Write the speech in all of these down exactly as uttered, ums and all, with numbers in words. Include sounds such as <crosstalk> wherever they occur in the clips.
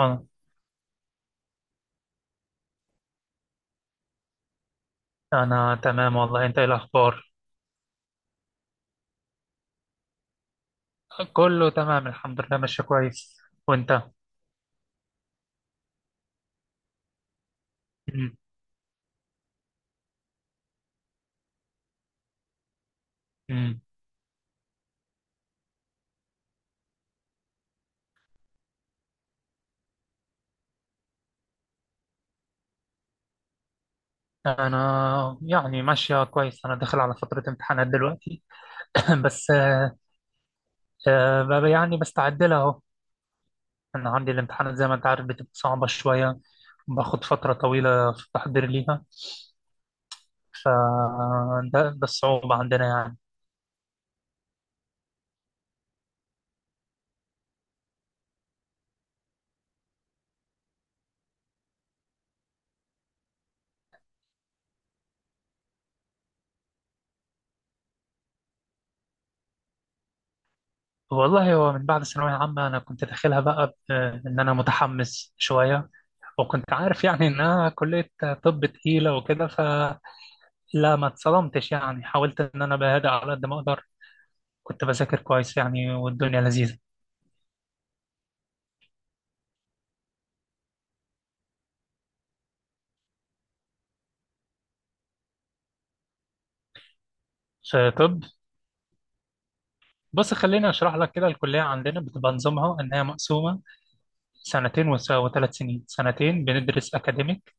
أنا أنا تمام والله. أنت إيه الأخبار؟ كله تمام الحمد لله، ماشي كويس. وأنت؟ مم. مم. أنا يعني ماشية كويس. أنا داخل على فترة امتحانات دلوقتي. <coughs> <clears throat> بس آه، آه، بقى يعني بستعد لها أهو. أنا عندي الامتحانات زي ما أنت عارف بتبقى صعبة شوية، باخد فترة طويلة في التحضير ليها. فده ده ده الصعوبة عندنا يعني. والله هو من بعد ثانوية عامة أنا كنت داخلها بقى ب- آه، إن أنا متحمس شوية، وكنت عارف يعني انها كلية طب تقيلة وكده، فلا ما اتصدمتش يعني. حاولت ان انا بهدأ على قد ما اقدر، كنت بذاكر كويس يعني والدنيا لذيذة. في طب. بص، خليني اشرح لك كده. الكلية عندنا بتبقى نظامها ان هي مقسومة سنتين وثلاث سنين. سنتين بندرس اكاديميك.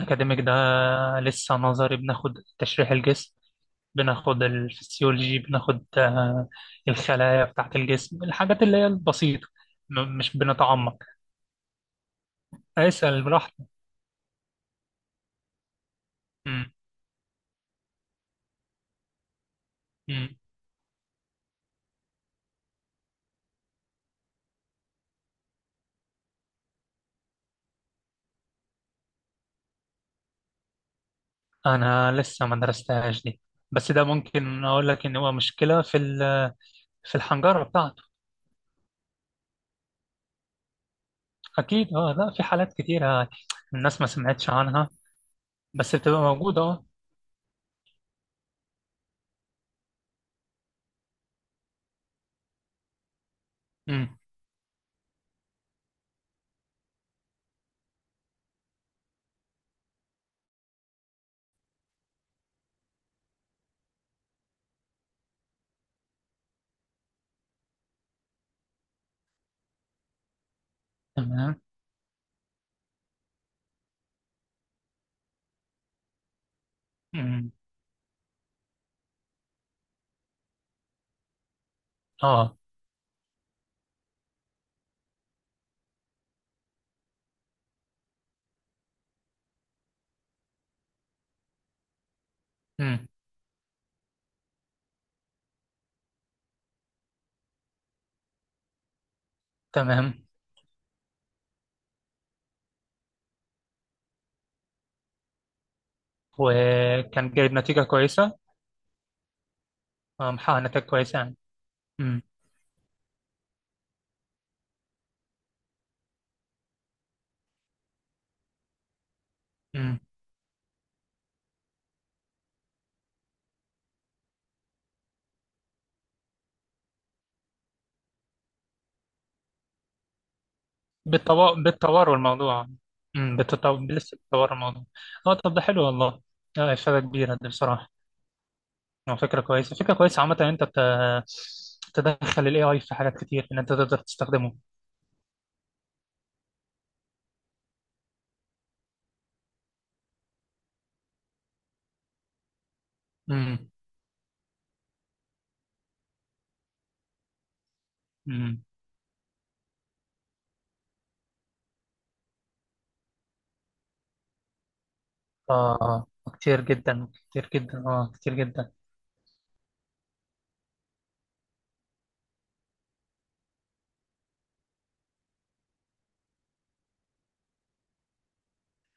اكاديميك ده لسه نظري. بناخد تشريح الجسم، بناخد الفسيولوجي، بناخد آه، الخلايا بتاعت الجسم، الحاجات اللي هي البسيطة. م- مش بنتعمق. اسأل براحتك. مم. مم. أنا لسه ما درستهاش دي، بس ده ممكن أقول لك إن هو مشكلة في ال- في الحنجرة بتاعته. أكيد، أه، لا، في حالات كتيرة الناس ما سمعتش عنها، بس بتبقى موجودة. أه. مم. تمام. مم. أه. مم. تمام. وكان جايب نتيجة كويسة. آه، محقق نتائج كويسة يعني. مم. مم. بالتوا... بالتوار الموضوع. مم. بالتطو... لسه بتطور الموضوع. أه، طب ده حلو والله. آه، إفادة كبيرة دي بصراحة. هو فكرة كويسة، فكرة كويسة عامة، إن أنت ت- تدخل ال A I في حاجات كتير، إن أنت تقدر تستخدمه. امم. امم. آه كتير جدا، كتير جدا، آه كتير جدا.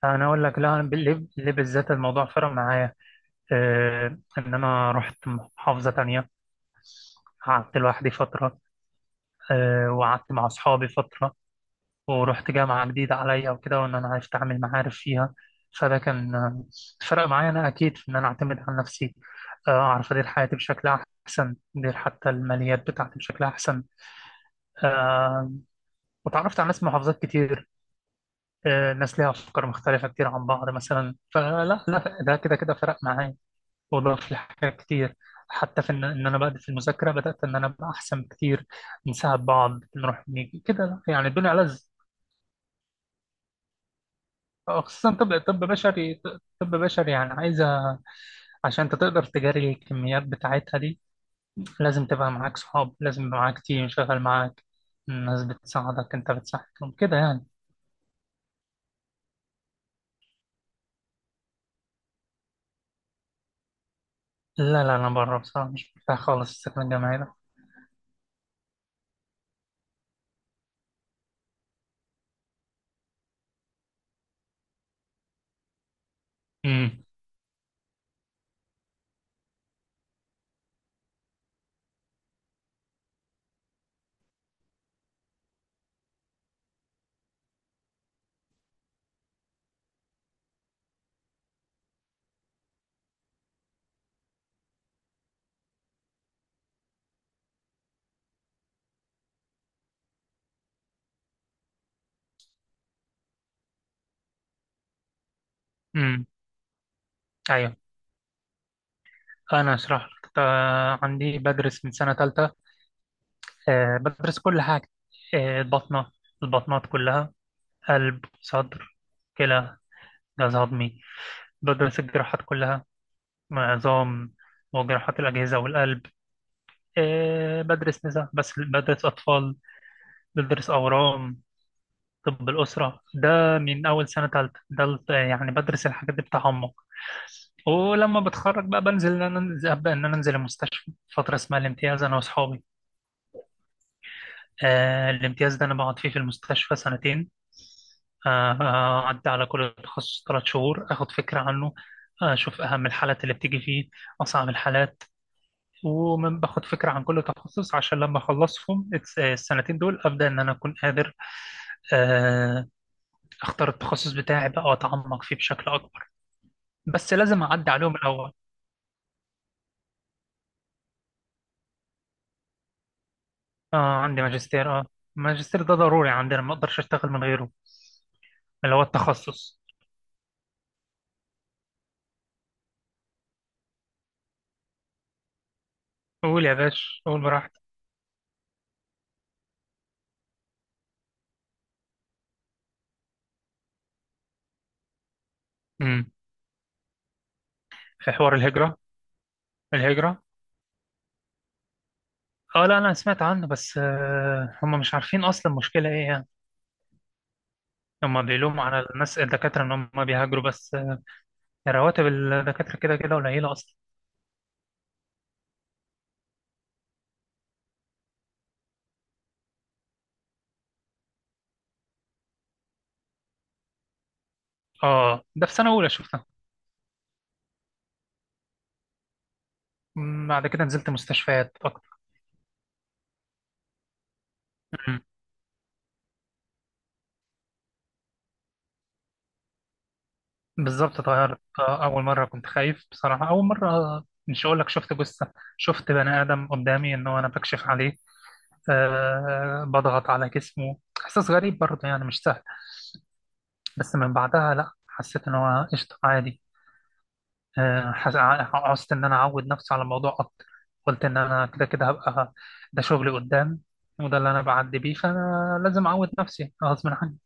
أنا أقول لك، لا، أنا بال- ليه بالذات الموضوع فرق معايا. آه إن أنا رحت محافظة تانية، قعدت لوحدي فترة، آه وقعدت مع أصحابي فترة ورحت جامعة جديدة عليا وكده، وإن أنا أتعامل معارف فيها. فده كان آه، فرق معايا. أنا أكيد في إن أنا أعتمد على نفسي، آه، أعرف أدير حياتي بشكل أحسن، أدير حتى الماليات بتاعتي بشكل أحسن. آه، وتعرفت على ناس من محافظات كتير، آه، ناس ليها أفكار مختلفة كتير عن بعض مثلا. فلا لا، ده كده كده فرق معايا وضاف لي حاجات كتير، حتى في إن إن أنا بدأت في المذاكرة. بدأت إن أنا أبقى أحسن بكتير، نساعد بعض، نروح، نيجي كده، لا، يعني الدنيا ألذ. خصوصا طب، طب بشري. طب بشري يعني عايزة، عشان انت تقدر تجاري الكميات بتاعتها دي لازم تبقى معاك صحاب، لازم يبقى معاك تيم شغال معاك، الناس بتساعدك انت بتساعدهم كده يعني. لا لا، انا بره بصراحة، مش مرتاح خالص السكن الجامعي ده. امم. امم. ايوه، انا اشرح لك. آه، عندي بدرس من سنة تالتة. آه، بدرس كل حاجة. آه، البطنة، البطنات كلها، قلب، صدر، كلى، جهاز هضمي. بدرس الجراحات كلها، عظام وجراحات الأجهزة والقلب. آه، بدرس نساء، بس بدرس أطفال، بدرس أورام، طب الأسرة ده من أول سنة تالتة. ده الت- يعني بدرس الحاجات دي بتعمق. ولما بتخرج بقى بنزل إن أنا أنزل أبدأ إن أنا أنزل المستشفى فترة اسمها الامتياز أنا وأصحابي. آه، الامتياز ده أنا بقعد فيه في المستشفى سنتين. آه، آه، أعدي على كل تخصص ثلاث شهور، أخد فكرة عنه، آه، أشوف أهم الحالات اللي بتيجي فيه، أصعب الحالات. ومن باخد فكرة عن كل تخصص، عشان لما أخلصهم الس- السنتين دول أبدأ إن أنا أكون قادر، آه، أختار التخصص بتاعي بقى وأتعمق فيه بشكل أكبر. بس لازم أعدي عليهم الأول. آه، عندي ماجستير. آه. الماجستير ده ضروري عندنا، ما أقدرش أشتغل من غيره، اللي هو التخصص. قول يا باشا، قول براحتك. امم. في حوار الهجرة. الهجرة. آه، لا، أنا سمعت عنه، بس آه هم مش عارفين أصلا مشكلة إيه يعني. هم بيلوموا على الناس الدكاترة إن هم بيهاجروا، بس آه، رواتب الدكاترة كده كده قليلة أصلا. اه، ده في سنة أولى شفتها. مم، بعد كده نزلت مستشفيات أكتر. مم. بالظبط اتغيرت. آه، أول مرة كنت خايف بصراحة. أول مرة مش هقول لك شفت جثة، شفت بني آدم قدامي إن هو أنا بكشف عليه، أه بضغط على جسمه. إحساس غريب برضه يعني، مش سهل. بس من بعدها لأ، حسيت إن هو قشطة، عادي. آه، حس- ع- عوزت إن أنا أعود نفسي على الموضوع أكتر. قلت إن أنا كده كده هبقى ده شغلي قدام، وده اللي أنا بعدي بيه، فأنا لازم أعود نفسي غصب عني.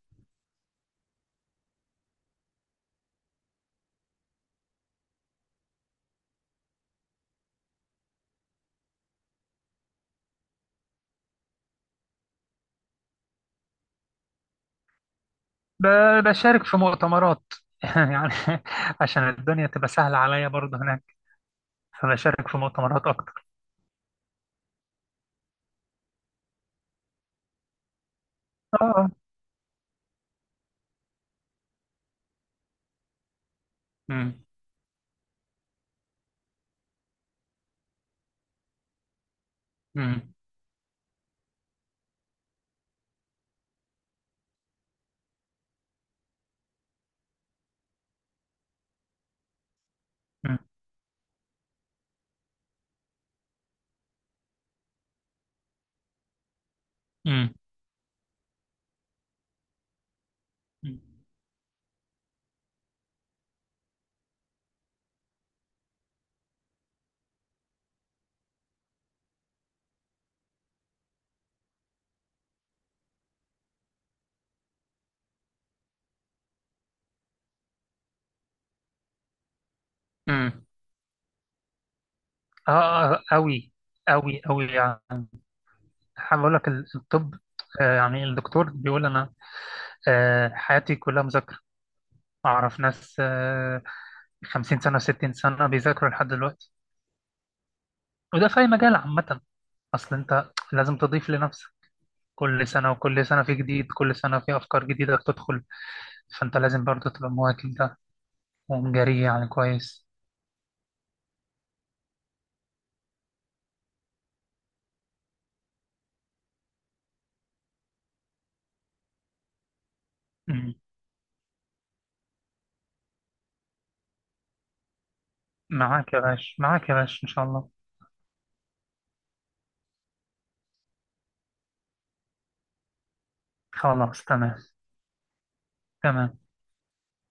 ب- بشارك في مؤتمرات <laughs> يعني، عشان الدنيا تبقى سهلة عليا برضه هناك، فبشارك في مؤتمرات أكتر. آه. أمم، أمم، أمم، أمم، أمم. آه أوي، أوي أوي يعني. حابب أقول لك ال- الطب، آه، يعني الدكتور بيقول أنا آه، حياتي كلها مذاكرة. أعرف ناس آه، خمسين سنة ستين سنة بيذاكروا لحد دلوقتي. وده في أي مجال عامة. أصل أنت لازم تضيف لنفسك، كل سنة وكل سنة في جديد، كل سنة في أفكار جديدة بتدخل، فأنت لازم برضه تبقى مواكب ده ومجري، يعني كويس. مم. معاك يا باشا، معاك يا باشا إن شاء الله. خلاص تمام. تمام.